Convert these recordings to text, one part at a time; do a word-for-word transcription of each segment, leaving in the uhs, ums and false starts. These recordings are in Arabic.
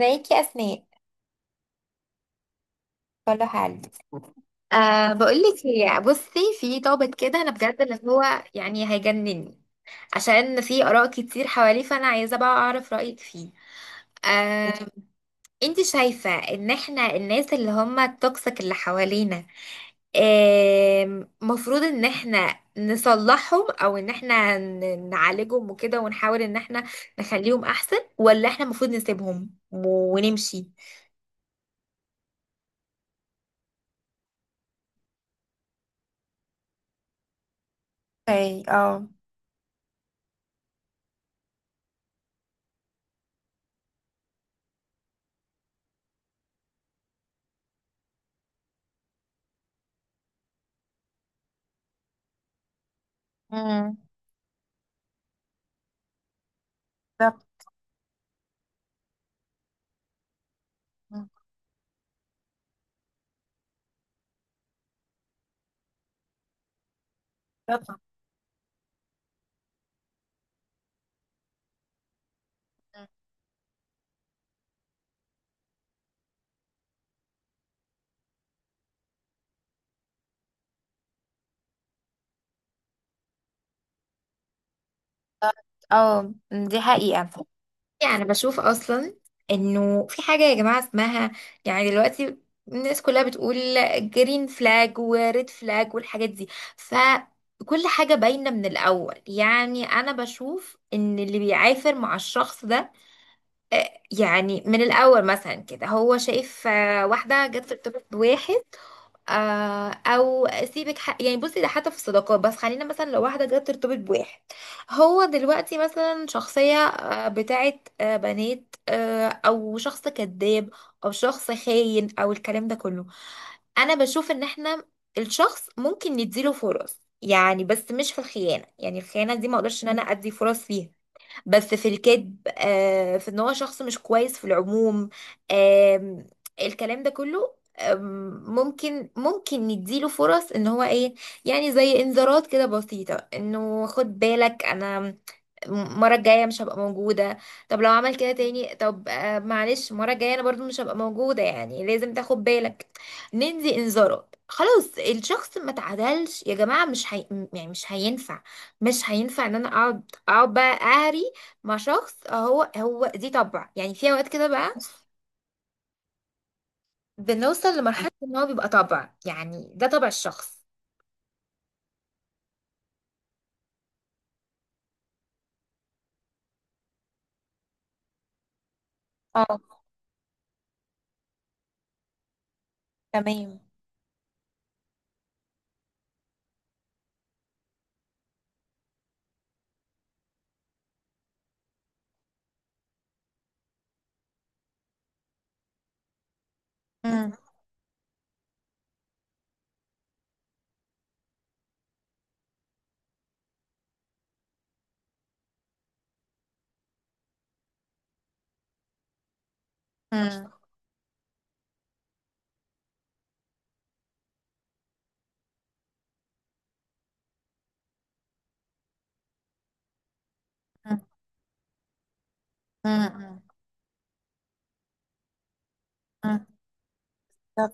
ازيك يا اسماء؟ كله حال. أه بقولك، هي بصي، في ضابط كده انا بجد اللي هو يعني هيجنني، عشان في اراء كتير حواليه، فانا عايزه بقى اعرف رايك فيه. أه، انت شايفه ان احنا الناس اللي هم التوكسيك اللي حوالينا، آم، مفروض ان احنا نصلحهم او ان احنا ن- نعالجهم وكده، ونحاول ان احنا نخليهم احسن، ولا احنا المفروض نسيبهم ونمشي؟ اي اه. امم. بالظبط. طبعا. اه، دي حقيقة. يعني بشوف اصلا انه في حاجة يا جماعة اسمها، يعني دلوقتي الناس كلها بتقول جرين فلاج وريد فلاج والحاجات دي، فكل حاجة باينة من الاول. يعني انا بشوف ان اللي بيعافر مع الشخص ده، آه، يعني من الاول مثلا كده هو شايف، آه، واحدة جت في ارتباط بواحد، آه، او سيبك ح... يعني بصي ده حتى في الصداقات، بس خلينا مثلا لو واحده جت ترتبط بواحد. هو دلوقتي مثلا شخصيه آه، بتاعت آه، بنات، آه، او شخص كذاب، او شخص خاين، او الكلام ده كله. انا بشوف ان احنا الشخص ممكن نديله فرص، يعني بس مش في الخيانه، يعني الخيانه دي ما اقدرش ان انا ادي فرص فيها. بس في الكذب، آه، في ان هو شخص مش كويس في العموم، آم، الكلام ده كله، آم، ممكن ممكن نديله فرص، ان هو ايه، يعني زي انذارات كده بسيطة، انه خد بالك انا المرة الجاية مش هبقى موجودة. طب لو عمل كده تاني، طب آه، معلش المرة الجاية انا برضو مش هبقى موجودة، يعني لازم تاخد بالك. ندي انذارات، خلاص الشخص ما تعدلش يا جماعة، مش هي... يعني مش هينفع، مش هينفع ان انا اقعد اقعد بقى اهري مع شخص، هو هو دي طبع، يعني في اوقات كده بقى بنوصل لمرحلة ان هو بيبقى طبع، يعني ده طبع الشخص. اه. تمام. مم. مم. مم. مم. مم. طب.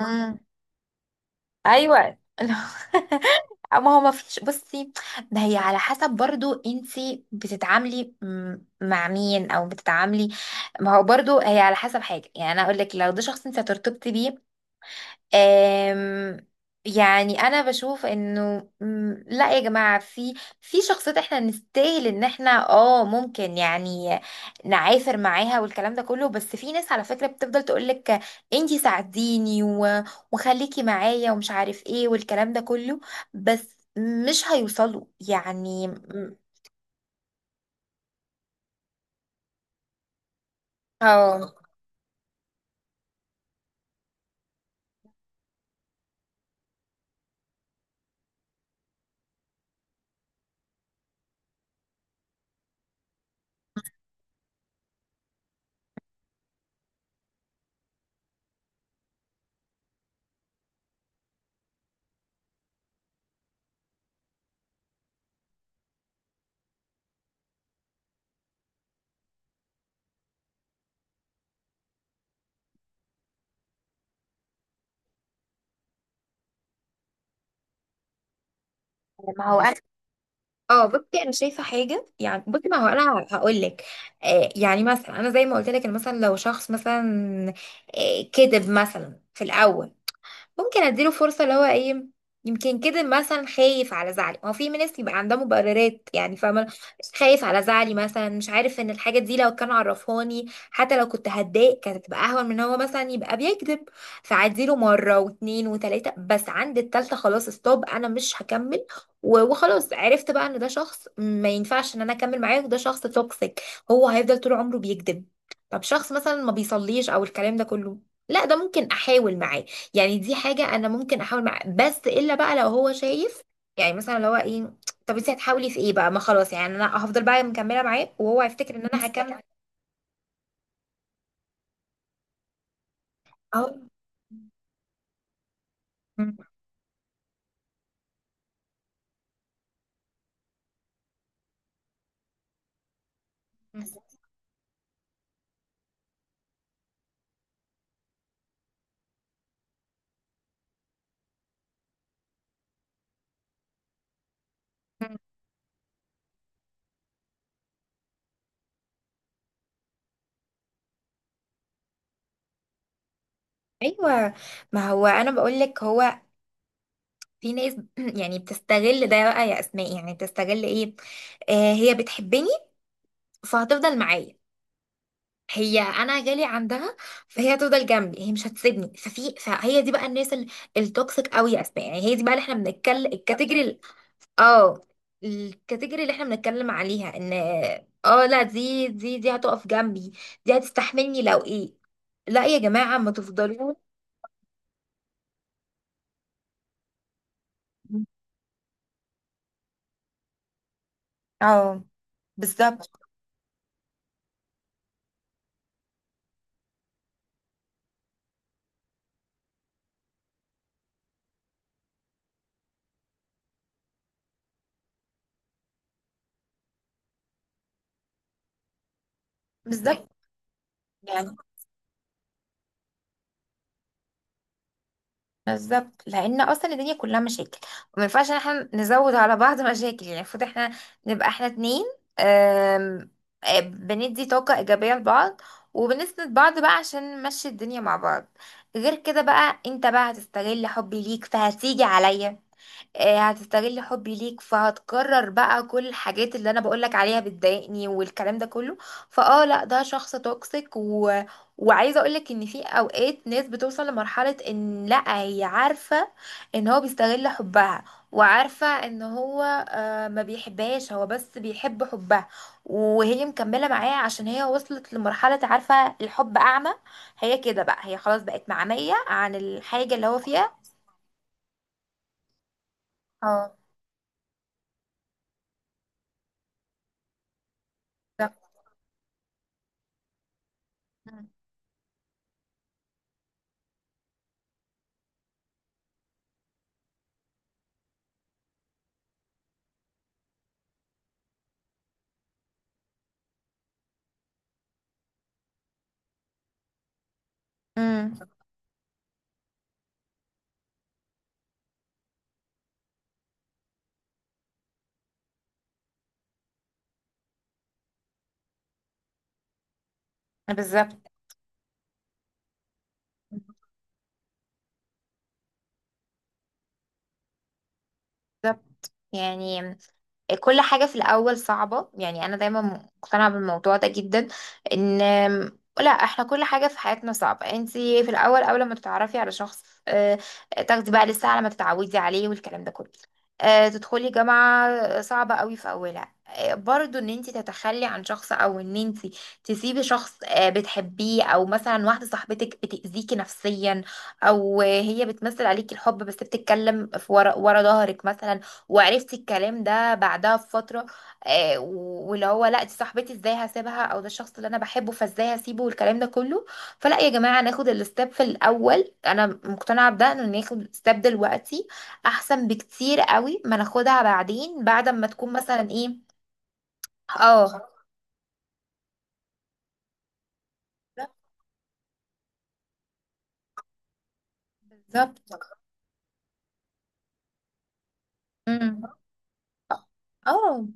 مم. ايوه. ما هو ما فيش، بصي، ده هي على حسب برضو انتي بتتعاملي م- مع مين، او بتتعاملي. ما هو برضو هي على حسب حاجه، يعني انا اقول لك لو ده شخص انت هترتبطي بيه، آم، يعني انا بشوف انه مم، لا يا جماعه، في في شخصيات احنا نستاهل ان احنا اه ممكن يعني نعافر معاها والكلام ده كله. بس في ناس على فكره بتفضل تقولك انتي ساعديني، و- وخليكي معايا ومش عارف ايه والكلام ده كله، بس مش هيوصلوا يعني م- اه. ما هو انا، اه بصي، انا شايفه حاجه، يعني بصي ما هو انا هقول لك، يعني مثلا انا زي ما قلت لك، إن مثلا لو شخص مثلا آه، كذب مثلا في الاول، ممكن اديله فرصة، اللي هو ايه، يمكن كده مثلا خايف على زعلي، ما هو في ناس يبقى عندها مبررات، يعني فاهمة، خايف على زعلي، مثلا مش عارف ان الحاجة دي لو كان عرفهاني حتى لو كنت هتضايق كانت هتبقى اهون من إن هو مثلا يبقى بيكذب. فعديله مرة واتنين وتلاتة، بس عند التالتة خلاص ستوب، انا مش هكمل، و- وخلاص عرفت بقى ان ده شخص ما ينفعش ان انا اكمل معاه، وده شخص توكسيك، هو هيفضل طول عمره بيكذب. طب شخص مثلا ما بيصليش او الكلام ده كله، لا ده ممكن احاول معاه، يعني دي حاجة أنا ممكن أحاول معاه، بس إلا بقى لو هو شايف، يعني مثلا لو هو إيه، طب أنت هتحاولي في إيه بقى؟ ما خلاص، يعني أنا هفضل بقى مكملة معاه وهو هيفتكر إن أنا هكمل. أهو. م- م- م. أيوه. ما هو أنا بقول لك هو، في ناس يعني بتستغل ده بقى يا أسماء، يعني بتستغل إيه، آه هي بتحبني فهتفضل معايا، هي انا جالي عندها فهي هتفضل جنبي، هي مش هتسيبني. ففي فهي دي بقى الناس ال- التوكسيك قوي يا اسماء، يعني هي دي بقى اللي احنا بنتكلم الكاتيجوري. اه. الكاتيجوري اللي احنا بنتكلم عليها ان، اه لا، دي دي دي هتقف جنبي، دي هتستحملني لو ايه، لا يا جماعة ما تفضلوا. اه. بالظبط. بالظبط. يعني بالظبط، لان اصلا الدنيا كلها مشاكل، وما ينفعش ان احنا نزود على بعض مشاكل، يعني المفروض احنا نبقى احنا اتنين، آم، آه، بندي طاقة ايجابية لبعض، وبنسند بعض بقى عشان نمشي الدنيا مع بعض. غير كده بقى انت بقى هتستغل حبي ليك فهتيجي عليا، آه، هتستغل حبي ليك فهتكرر بقى كل الحاجات اللي انا بقولك عليها بتضايقني والكلام ده كله. فاه لا ده شخص توكسيك و... وعايزه اقولك ان في اوقات ناس بتوصل لمرحله، ان لا هي عارفه ان هو بيستغل حبها، وعارفه ان هو آه، ما بيحبهاش، هو بس بيحب حبها، وهي مكمله معاه عشان هي وصلت لمرحله، عارفه الحب اعمى، هي كده بقى هي خلاص بقت معميه عن الحاجه اللي هو فيها. اه. بالظبط. مم. بالظبط. بالظبط. يعني كل حاجة في الأول صعبة، يعني أنا دايما مقتنعة بالموضوع ده جدا، إن لا احنا كل حاجة في حياتنا صعبة. انتي في الأول أول ما تتعرفي على شخص، آه، تاخدي بقى لسه على ما تتعودي عليه والكلام ده كله، آه، تدخلي جامعة صعبة قوي في أولها، آه، برضو ان انتي تتخلي عن شخص، او ان انتي تسيبي شخص آه، بتحبيه، او مثلا واحدة صاحبتك بتأذيكي نفسيا، او هي بتمثل عليكي الحب بس بتتكلم في ورا ورا ظهرك مثلا، وعرفت الكلام ده بعدها بفترة، آه و- واللي هو لا دي صاحبتي ازاي هسيبها، او ده الشخص اللي انا بحبه فازاي هسيبه والكلام ده كله. فلا يا جماعة ناخد الستep في الاول، انا مقتنعة بده، ان ناخد ستيب دلوقتي احسن بكتير قوي ما ناخدها بعدين بعد ما تكون مثلا ايه. اه. بالظبط. امم. اه،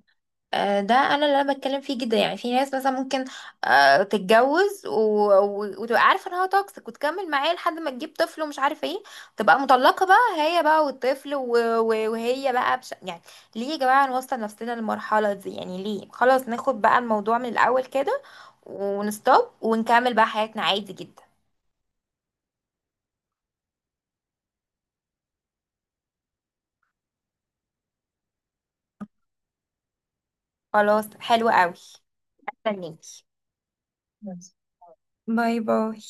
آه، ده انا اللي انا بتكلم فيه جدا، يعني في ناس مثلا ممكن آه، تتجوز، و... و... وتبقى عارفه ان هو توكسيك، وتكمل معاه لحد ما تجيب طفل ومش عارف ايه، تبقى مطلقه بقى هي بقى والطفل، و... و... وهي بقى بش... يعني ليه يا جماعه نوصل نفسنا للمرحله دي؟ يعني ليه؟ خلاص ناخد بقى الموضوع من الاول كده، ونستوب ونكمل بقى حياتنا عادي جدا. خلاص حلو قوي. استنيكي. بس. باي باي.